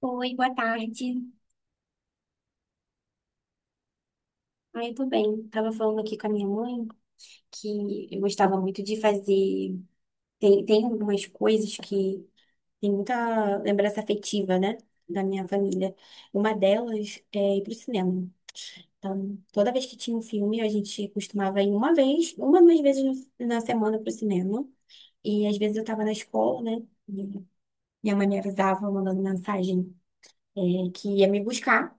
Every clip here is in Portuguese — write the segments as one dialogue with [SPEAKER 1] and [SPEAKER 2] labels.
[SPEAKER 1] Oi, boa tarde. Ah, eu tô bem. Tava falando aqui com a minha mãe que eu gostava muito de fazer. Tem algumas coisas que tem muita lembrança afetiva, né? Da minha família. Uma delas é ir pro cinema. Então, toda vez que tinha um filme, a gente costumava ir uma vez, uma, duas vezes na semana pro cinema. E às vezes eu tava na escola, né? E minha mãe me avisava, mandando mensagem, é, que ia me buscar,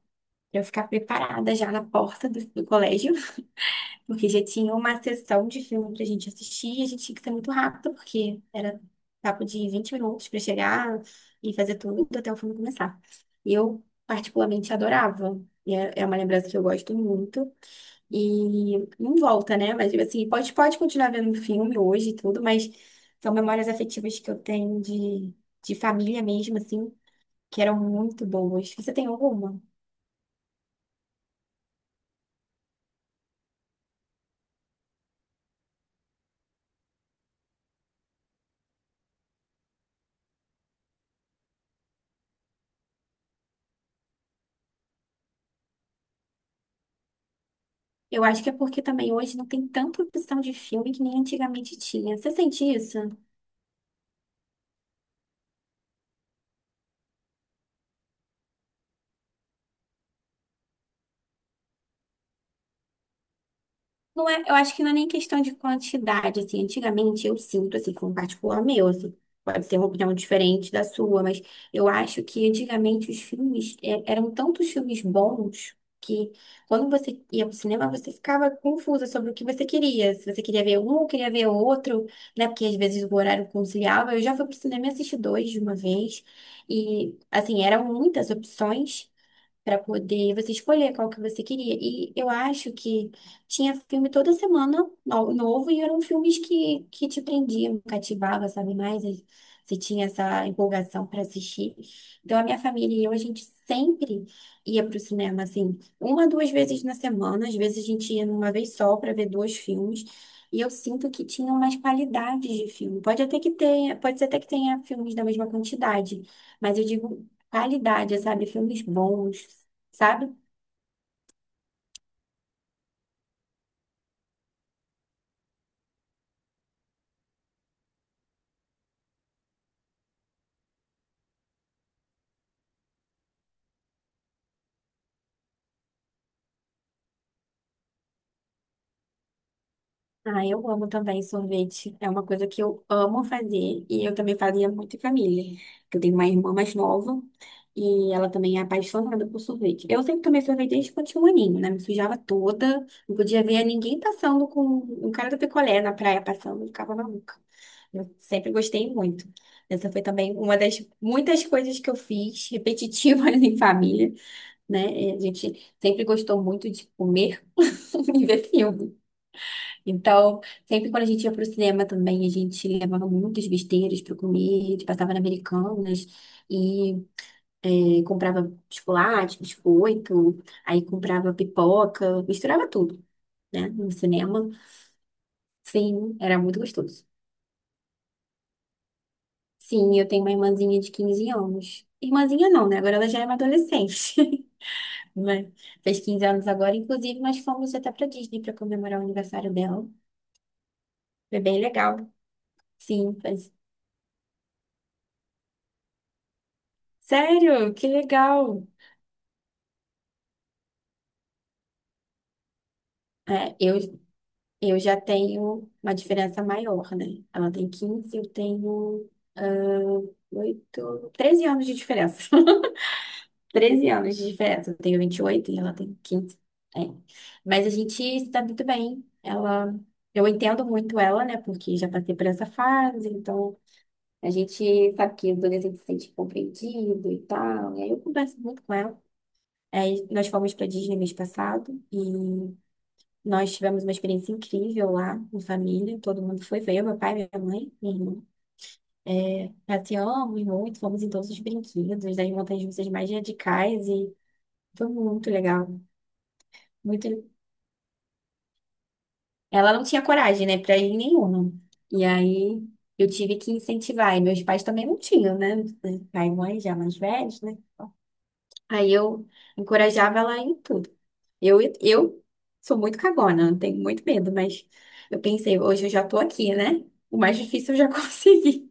[SPEAKER 1] pra eu ficar preparada já na porta do colégio. Porque já tinha uma sessão de filme pra gente assistir e a gente tinha que ser muito rápido, porque era papo de 20 minutos pra chegar e fazer tudo até o filme começar. E eu, particularmente, adorava. E é uma lembrança que eu gosto muito. E não volta, né? Mas, assim, pode continuar vendo o filme hoje e tudo, mas são memórias afetivas que eu tenho de família mesmo, assim, que eram muito boas. Você tem alguma? Eu acho que é porque também hoje não tem tanta opção de filme que nem antigamente tinha. Você sente isso? Não é, eu acho que não é nem questão de quantidade, assim. Antigamente eu sinto, assim, com um particular meu, assim, pode ser uma opinião diferente da sua, mas eu acho que antigamente os filmes eram tantos filmes bons que quando você ia pro cinema você ficava confusa sobre o que você queria. Se você queria ver um ou queria ver outro, né? Porque às vezes o horário conciliava. Eu já fui pro cinema e assisti dois de uma vez. E, assim, eram muitas opções para poder você escolher qual que você queria. E eu acho que tinha filme toda semana novo e eram filmes que te prendiam, cativava, sabe mais? E você tinha essa empolgação para assistir. Então, a minha família e eu, a gente sempre ia para o cinema, assim, uma, duas vezes na semana. Às vezes, a gente ia numa vez só para ver dois filmes. E eu sinto que tinham mais qualidades de filme. Pode até que tenha, pode ser até que tenha filmes da mesma quantidade, mas eu digo qualidade, sabe? Filmes bons, sabe? Ah, eu amo também sorvete. É uma coisa que eu amo fazer e eu também fazia muito em família. Eu tenho uma irmã mais nova e ela também é apaixonada por sorvete. Eu sempre tomei sorvete desde quando tinha um aninho, né? Me sujava toda, não podia ver ninguém passando com um cara do picolé na praia passando, eu ficava maluca. Eu sempre gostei muito. Essa foi também uma das muitas coisas que eu fiz, repetitivas em família, né? E a gente sempre gostou muito de comer e ver filme. Então, sempre quando a gente ia pro cinema também, a gente levava muitas besteiras para comer, a gente passava na Americanas e comprava chocolate, biscoito, aí comprava pipoca, misturava tudo, né? No cinema. Sim, era muito gostoso. Sim, eu tenho uma irmãzinha de 15 anos. Irmãzinha não, né? Agora ela já é uma adolescente. Né? Fez 15 anos agora, inclusive nós fomos até pra Disney pra comemorar o aniversário dela. Foi bem legal. Sim, faz. Sério, que legal. É, eu já tenho uma diferença maior, né? Ela tem 15, eu tenho ah, oito 13 anos de diferença. 13 anos de diferença. Eu tenho 28 e ela tem 15. É. Mas a gente está muito bem. Ela, eu entendo muito ela, né? Porque já passei por essa fase, então a gente sabe que o adolescente se sente compreendido e tal. E aí eu converso muito com ela. Aí nós fomos para Disney mês passado e nós tivemos uma experiência incrível lá em família. Todo mundo foi, foi meu pai, minha mãe, minha irmã. É, passeamos muito, fomos em todos os brinquedos, das montanhas russas mais radicais e foi muito legal. Muito... Ela não tinha coragem, né, para ir em nenhuma. E aí eu tive que incentivar, e meus pais também não tinham, né? Pai e mãe já mais velhos, né? Aí eu encorajava ela em tudo. Eu sou muito cagona, tenho muito medo, mas eu pensei, hoje eu já tô aqui, né? O mais difícil eu já consegui.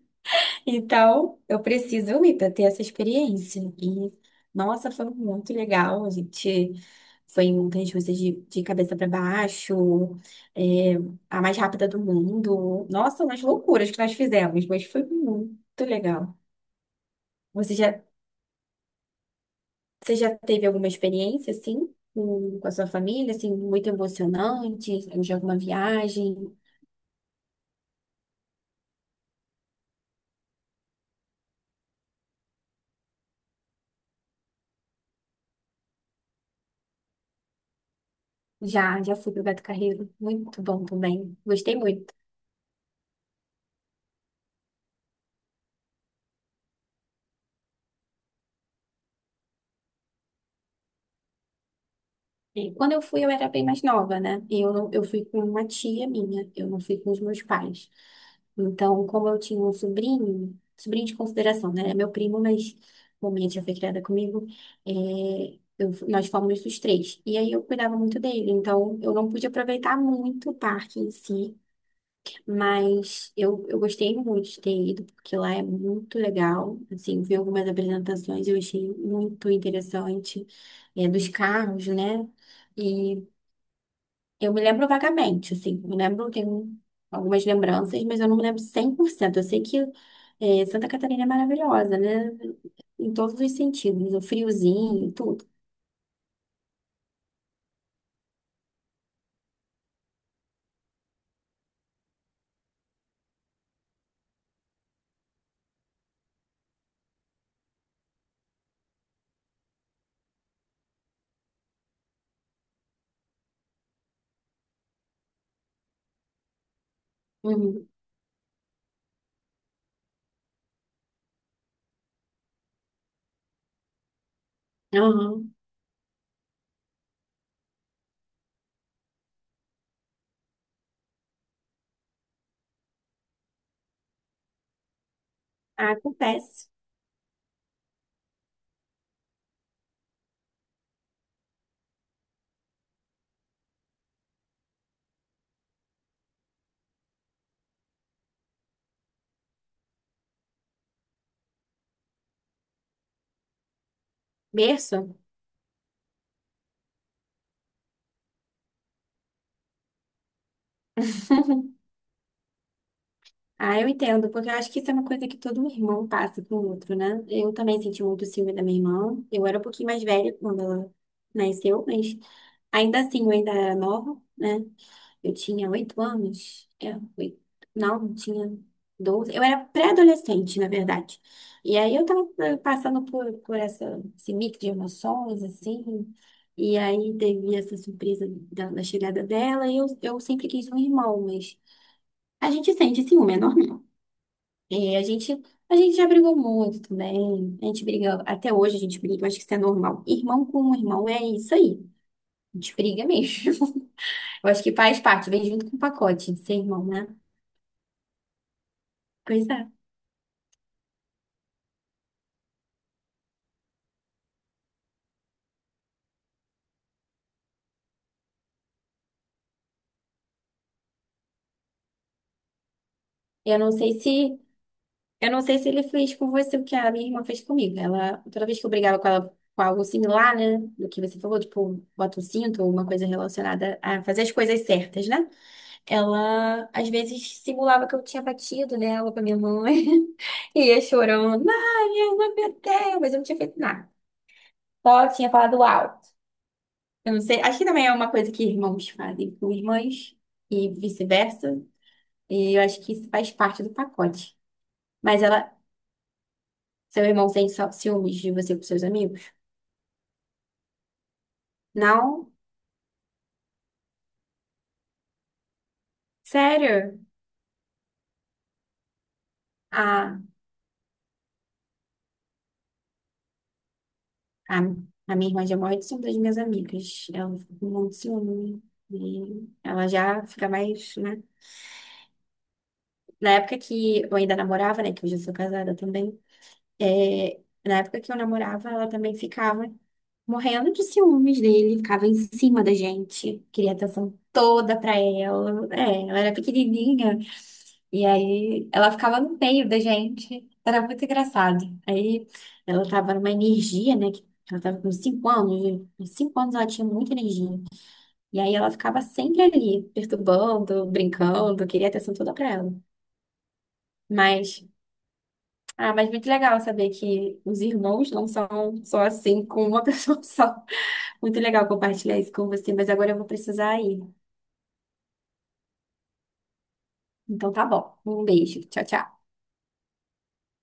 [SPEAKER 1] Então, eu preciso ir para ter essa experiência. E, nossa, foi muito legal. A gente foi em montanhas russas de cabeça para baixo, é, a mais rápida do mundo. Nossa, umas loucuras que nós fizemos, mas foi muito legal. Você já Você já teve alguma experiência, assim, com a sua família, assim, muito emocionante, de alguma viagem? Já, já fui pro Beto Carreiro, muito bom também, gostei muito. E quando eu fui, eu era bem mais nova, né? E eu, não- eu fui com uma tia minha, eu não fui com os meus pais. Então, como eu tinha um sobrinho, sobrinho de consideração, né? É meu primo, mas como minha tia foi criada comigo, é, nós fomos os três. E aí eu cuidava muito dele, então eu não pude aproveitar muito o parque em si. Mas eu gostei muito de ter ido, porque lá é muito legal. Assim, vi algumas apresentações, eu achei muito interessante, dos carros, né? E eu me lembro vagamente, assim, me lembro, tenho algumas lembranças, mas eu não me lembro 100%. Eu sei que Santa Catarina é maravilhosa, né? Em todos os sentidos, o friozinho, tudo. Uhum. Aham. Ah, acontece. Berço? Ah, eu entendo, porque eu acho que isso é uma coisa que todo irmão passa com o outro, né? Eu também senti muito ciúme da minha irmã. Eu era um pouquinho mais velha quando ela nasceu, mas ainda assim eu ainda era nova, né? Eu tinha oito anos. É, oito. Não, eu tinha 12. Eu era pré-adolescente, na verdade. E aí eu tava passando por essa, esse mix de emoções, assim. E aí teve essa surpresa da chegada dela. E eu sempre quis um irmão, mas a gente sente ciúme, é normal. E a gente já brigou muito também. A gente briga, até hoje a gente briga, eu acho que isso é normal. Irmão com um irmão é isso aí. A gente briga mesmo. Eu acho que faz parte, vem junto com o pacote de ser irmão, né? Pois é. Eu não sei se, eu não sei se ele fez com você o que a minha irmã fez comigo. Ela, toda vez que eu brigava com ela com algo similar, né? Do que você falou, tipo, bota o cinto ou uma coisa relacionada a fazer as coisas certas, né? Ela, às vezes, simulava que eu tinha batido nela com a minha mãe. E ia chorando, ai minha não aguentei. Mas eu não tinha feito nada. Só tinha falado alto. Eu não sei. Acho que também é uma coisa que irmãos fazem com irmãs. E vice-versa. E eu acho que isso faz parte do pacote. Mas ela... Seu irmão sente só ciúmes de você com seus amigos? Não. Sério. A, a, a minha irmã gêmea são das minhas amigas. Ela fica com um monte de ciúme. E ela já fica mais, né? Na época que eu ainda namorava, né? Que hoje eu sou casada também. é, na época que eu namorava, ela também ficava morrendo de ciúmes dele, ficava em cima da gente, queria atenção toda pra ela. É, ela era pequenininha. E aí ela ficava no meio da gente. Era muito engraçado. Aí ela tava numa energia, né? Que ela tava com 5 anos. Né? Com cinco anos ela tinha muita energia. E aí ela ficava sempre ali, perturbando, brincando, queria atenção toda pra ela. Mas Ah, mas muito legal saber que os irmãos não são só assim, com uma pessoa só. Muito legal compartilhar isso com você, mas agora eu vou precisar ir. Então tá bom. Um beijo. Tchau, tchau.